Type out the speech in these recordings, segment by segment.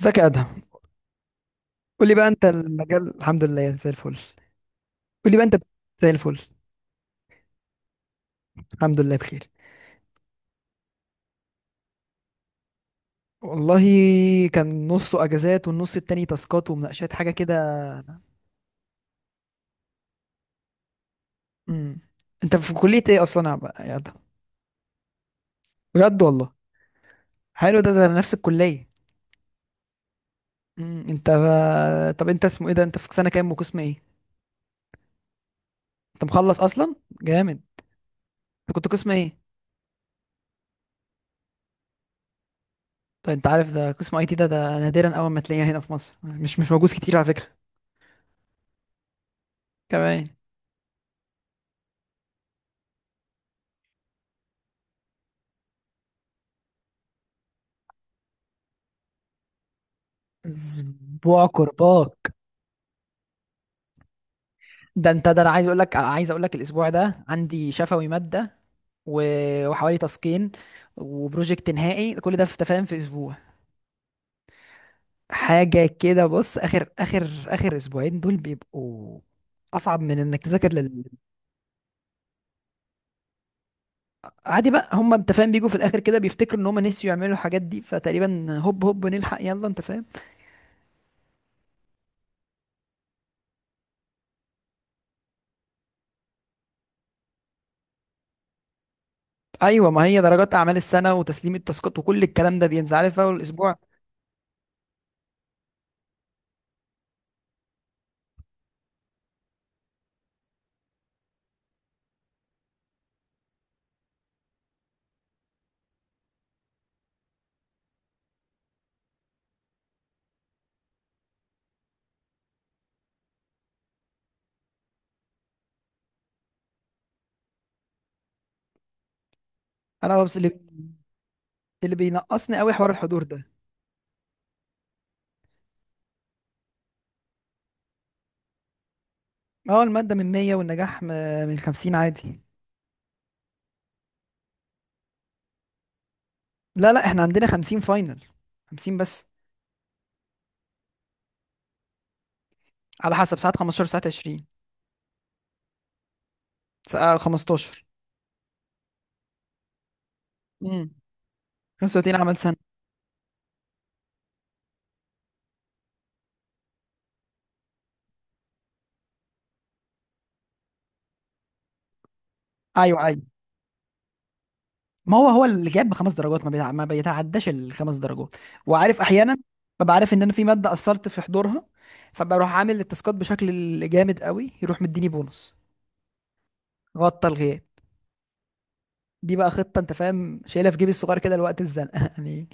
ازيك يا ادهم؟ قول لي بقى، انت المجال الحمد لله، زي الفل. قول لي بقى انت بت- زي الفل. الحمد لله بخير. والله كان نصه اجازات والنص التاني تاسكات ومناقشات حاجه كده. امم انت في كليه ايه اصلا، يا ادهم؟ بجد والله. حلو، ده نفس الكليه. انت، طب انت اسمه ايه ده؟ انت في سنه كام وقسم ايه؟ انت مخلص اصلا؟ جامد. انت كنت قسم ايه؟ طيب، انت عارف ده قسم اي تي، ده نادرا اول ما تلاقيه هنا في مصر، مش موجود كتير على فكره. كمان. اسبوع كرباك. ده انا عايز اقول لك، الاسبوع ده عندي شفوي ماده، وحوالي تاسكين وبروجكت نهائي، كل ده في تفاهم في اسبوع. حاجه كده. بص، اخر اسبوعين دول بيبقوا اصعب من انك تذاكر لل... عادي بقى، هم انت فاهم، بيجوا في الاخر كده بيفتكروا ان هم نسيوا يعملوا الحاجات دي، فتقريبا هوب هوب نلحق، يلا انت فاهم. ايوه، ما هي درجات اعمال السنه وتسليم التاسكات وكل الكلام ده بينزل، عارف، اول الاسبوع. انا بس اللي بينقصني قوي حوار الحضور ده. اه، المادة من 100 والنجاح من 50 عادي. لا لا، احنا عندنا 50 فاينل، 50 بس. على حسب ساعات، 15 ساعات 20، ساعة 15. امم 35 عمل سنة. ايوه ايوه. ما هو، هو اللي جاب بخمس درجات ما بيتعداش الخمس درجات. وعارف، احيانا ببقى عارف ان انا في مادة قصرت في حضورها، فبروح عامل التاسكات بشكل جامد قوي، يروح مديني بونص. غطى الغياب. دي بقى خطة، انت فاهم، شايلها في جيبي الصغير كده لوقت الزنقة يعني.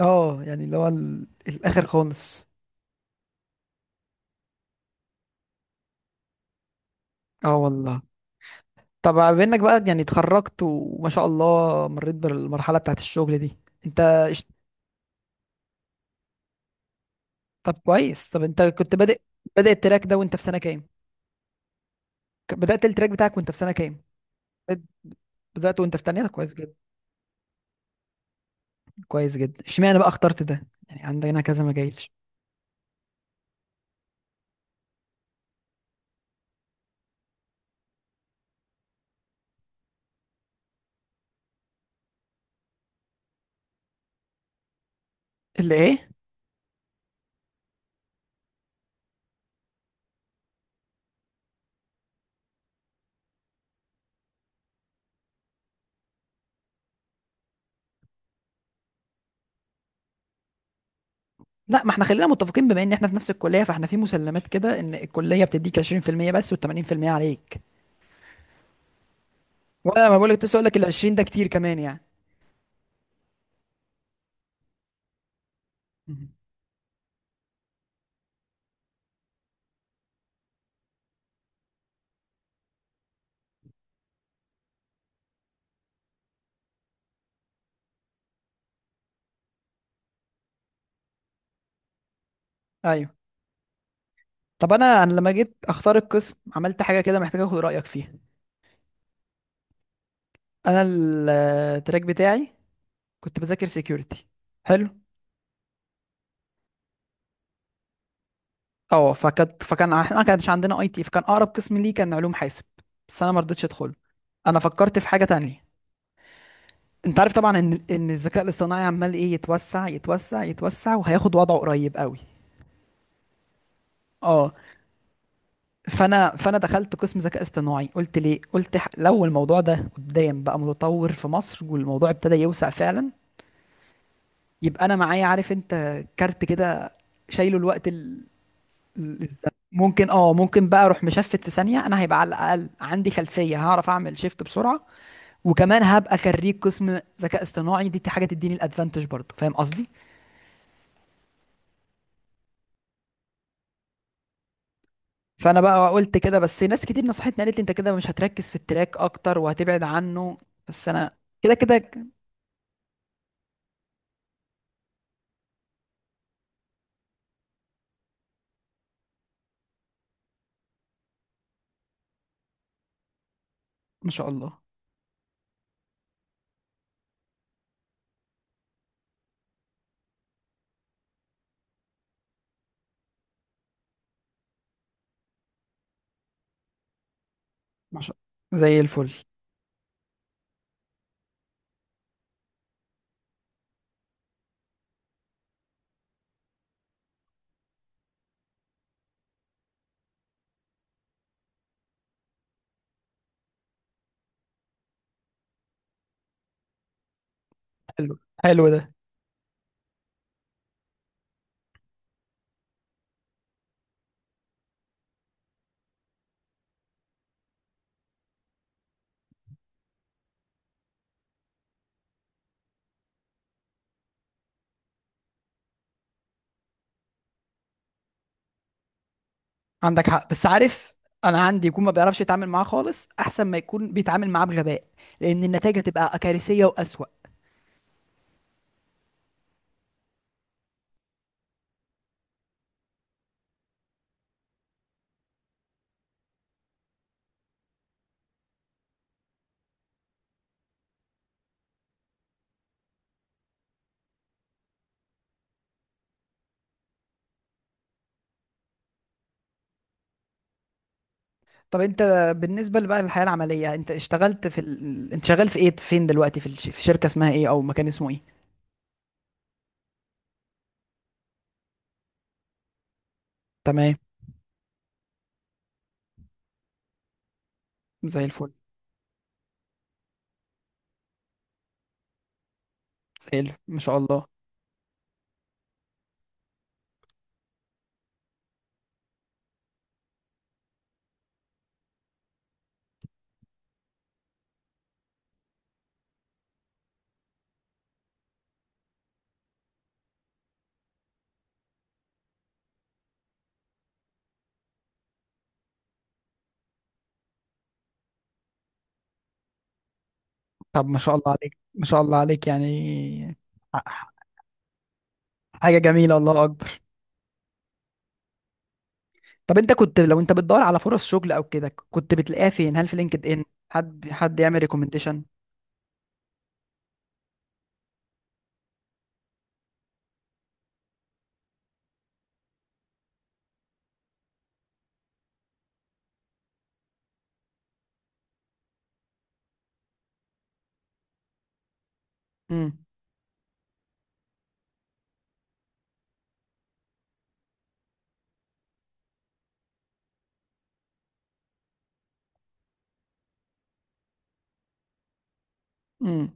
اه يعني اللي هو الاخر خالص. اه والله. طب، بما انك بقى يعني اتخرجت وما شاء الله مريت بالمرحله بتاعت الشغل دي، انت اشت- طب كويس. طب انت كنت بادئ التراك ده وانت في سنه كام؟ بدات التراك بتاعك وانت في سنه كام؟ بد- بدات وانت في تانية؟ طب كويس جدا. كويس جدا اشمعنى بقى اخترت ده؟ يعني عندنا كذا مجال. اللي ايه؟ لا، ما احنا خلينا متفقين، بما ان احنا في نفس الكليه، فاحنا في مسلمات كده ان الكليه بتديك 20% بس و80% عليك. وانا ما بقولك لسه، اقول لك ال 20 ده كتير كمان يعني. مهم. ايوه. طب انا لما جيت اختار القسم عملت حاجه كده محتاج اخد رايك فيها. انا التراك بتاعي كنت بذاكر سيكيورتي. حلو. اه، فكان احنا ما كانش عندنا اي تي، فكان اقرب قسم ليه كان علوم حاسب، بس انا ما رضيتش ادخله. انا فكرت في حاجه تانية. انت عارف طبعا ان الذكاء الاصطناعي عمال ايه يتوسع يتوسع يتوسع وهياخد وضعه قريب قوي. اه. فانا دخلت قسم ذكاء اصطناعي. قلت ليه؟ قلت لو الموضوع ده قدام بقى متطور في مصر والموضوع ابتدى يوسع فعلا، يبقى انا معايا، عارف انت، كارت كده، شايله الوقت، الزمن. ممكن، ممكن بقى اروح مشفت في ثانيه، انا هيبقى على الاقل عندي خلفيه، هعرف اعمل شيفت بسرعه. وكمان هبقى خريج قسم ذكاء اصطناعي، دي حاجه تديني الادفانتج برضه، فاهم قصدي. فانا بقى قلت كده، بس ناس كتير نصحتني قالت لي انت كده مش هتركز في التراك اكتر وهتبعد عنه. بس انا كده كده. ما شاء الله. ما شاء الله، زي الفل. حلو. حلو ده. عندك حق، بس عارف، انا عندي يكون ما بيعرفش يتعامل معاه خالص احسن ما يكون بيتعامل معاه بغباء، لان النتائج هتبقى كارثيه واسوأ. طب انت، بالنسبه بقى للحياه العمليه، انت اشتغلت في انت شغال في ايه، فين دلوقتي، في شركه اسمها ايه او مكان اسمه ايه؟ تمام. زي الفل. زي الفل ما شاء الله. طب ما شاء الله عليك، ما شاء الله عليك يعني. ح- حاجه جميله، الله اكبر. طب انت كنت، لو انت بتدور على فرص شغل او كده، كنت بتلاقيها فين؟ هل في لينكد ان؟ حد يعمل ريكومنديشن؟ امم امم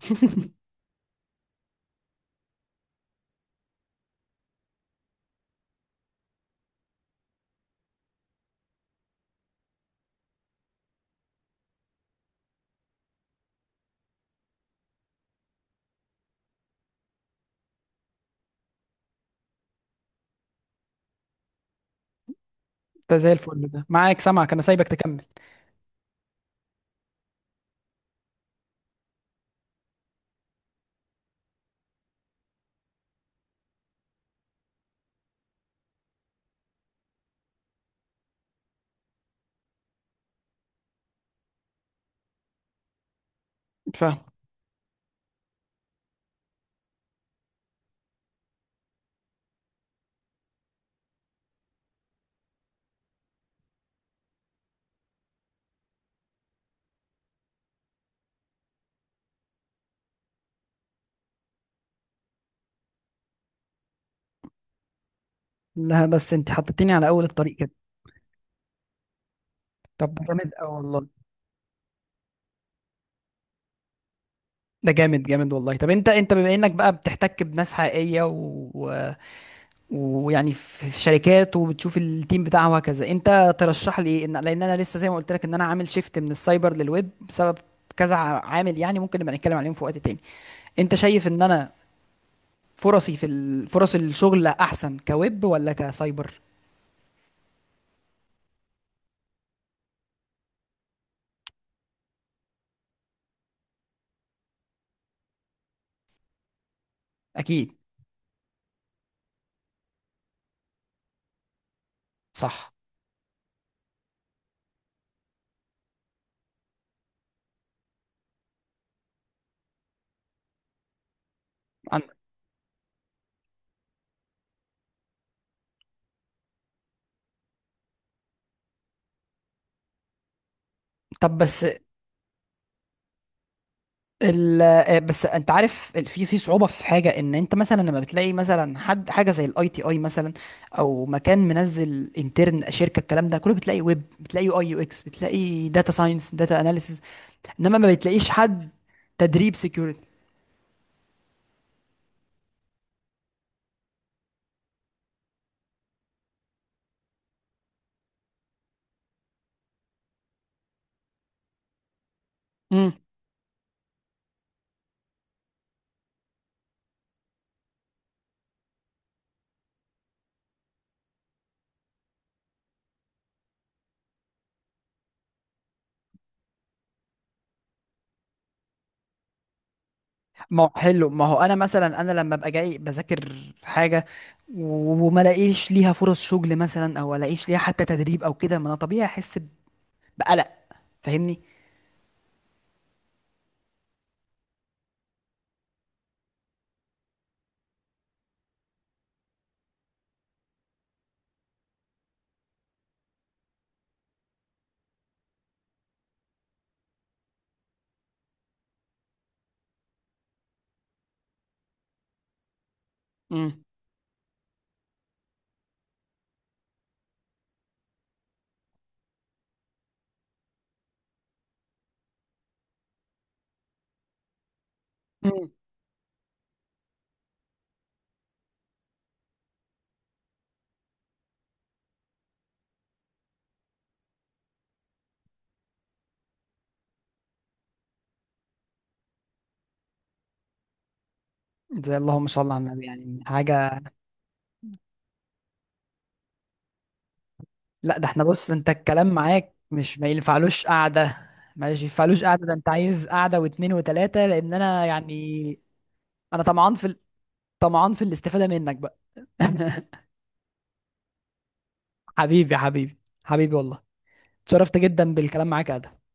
ده زي الفل. ده معاك سامعك، انا سايبك تكمل. فاهم. لا، بس انت حطيتني على اول الطريق كده. طب ده جامد، اه والله. ده جامد جامد والله. طب انت، بما انك بقى بتحتك بناس حقيقية، ويعني في شركات وبتشوف التيم بتاعها وهكذا، انت ترشح لي ايه؟ لان انا لسه زي ما قلت لك، ان انا عامل شيفت من السايبر للويب بسبب كذا، عامل يعني. ممكن نبقى نتكلم عليهم في وقت تاني. انت شايف ان انا فرصي في فرص الشغل احسن كويب ولا كسايبر؟ اكيد. صح. عن- طب، بس بس انت عارف في صعوبه في حاجه، ان انت مثلا لما بتلاقي مثلا حد حاجه زي الاي تي اي مثلا، او مكان منزل انترن شركه، الكلام ده كله بتلاقي ويب، بتلاقي يو اي يو اكس، بتلاقي داتا ساينس، داتا اناليسيز، انما ما بتلاقيش حد تدريب سيكيورتي. امم ما هو حلو. ما هو انا مثلا لما ابقى جاي بذاكر حاجه، وما الاقيش ليها فرص شغل مثلا، او الاقيش ليها حتى تدريب او كده، ما انا طبيعي احس بقلق، فاهمني. امم زي اللهم صل على النبي يعني حاجه. لا، ده احنا، بص، انت الكلام معاك مش ما ينفعلوش قعدة. ما ينفعلوش قعدة، ده انت عايز قعدة واتنين وتلاتة، لان انا يعني انا طمعان في الاستفادة منك بقى. حبيبي حبيبي. حبيبي والله. اتشرفت جدا بالكلام معاك يا ادهم.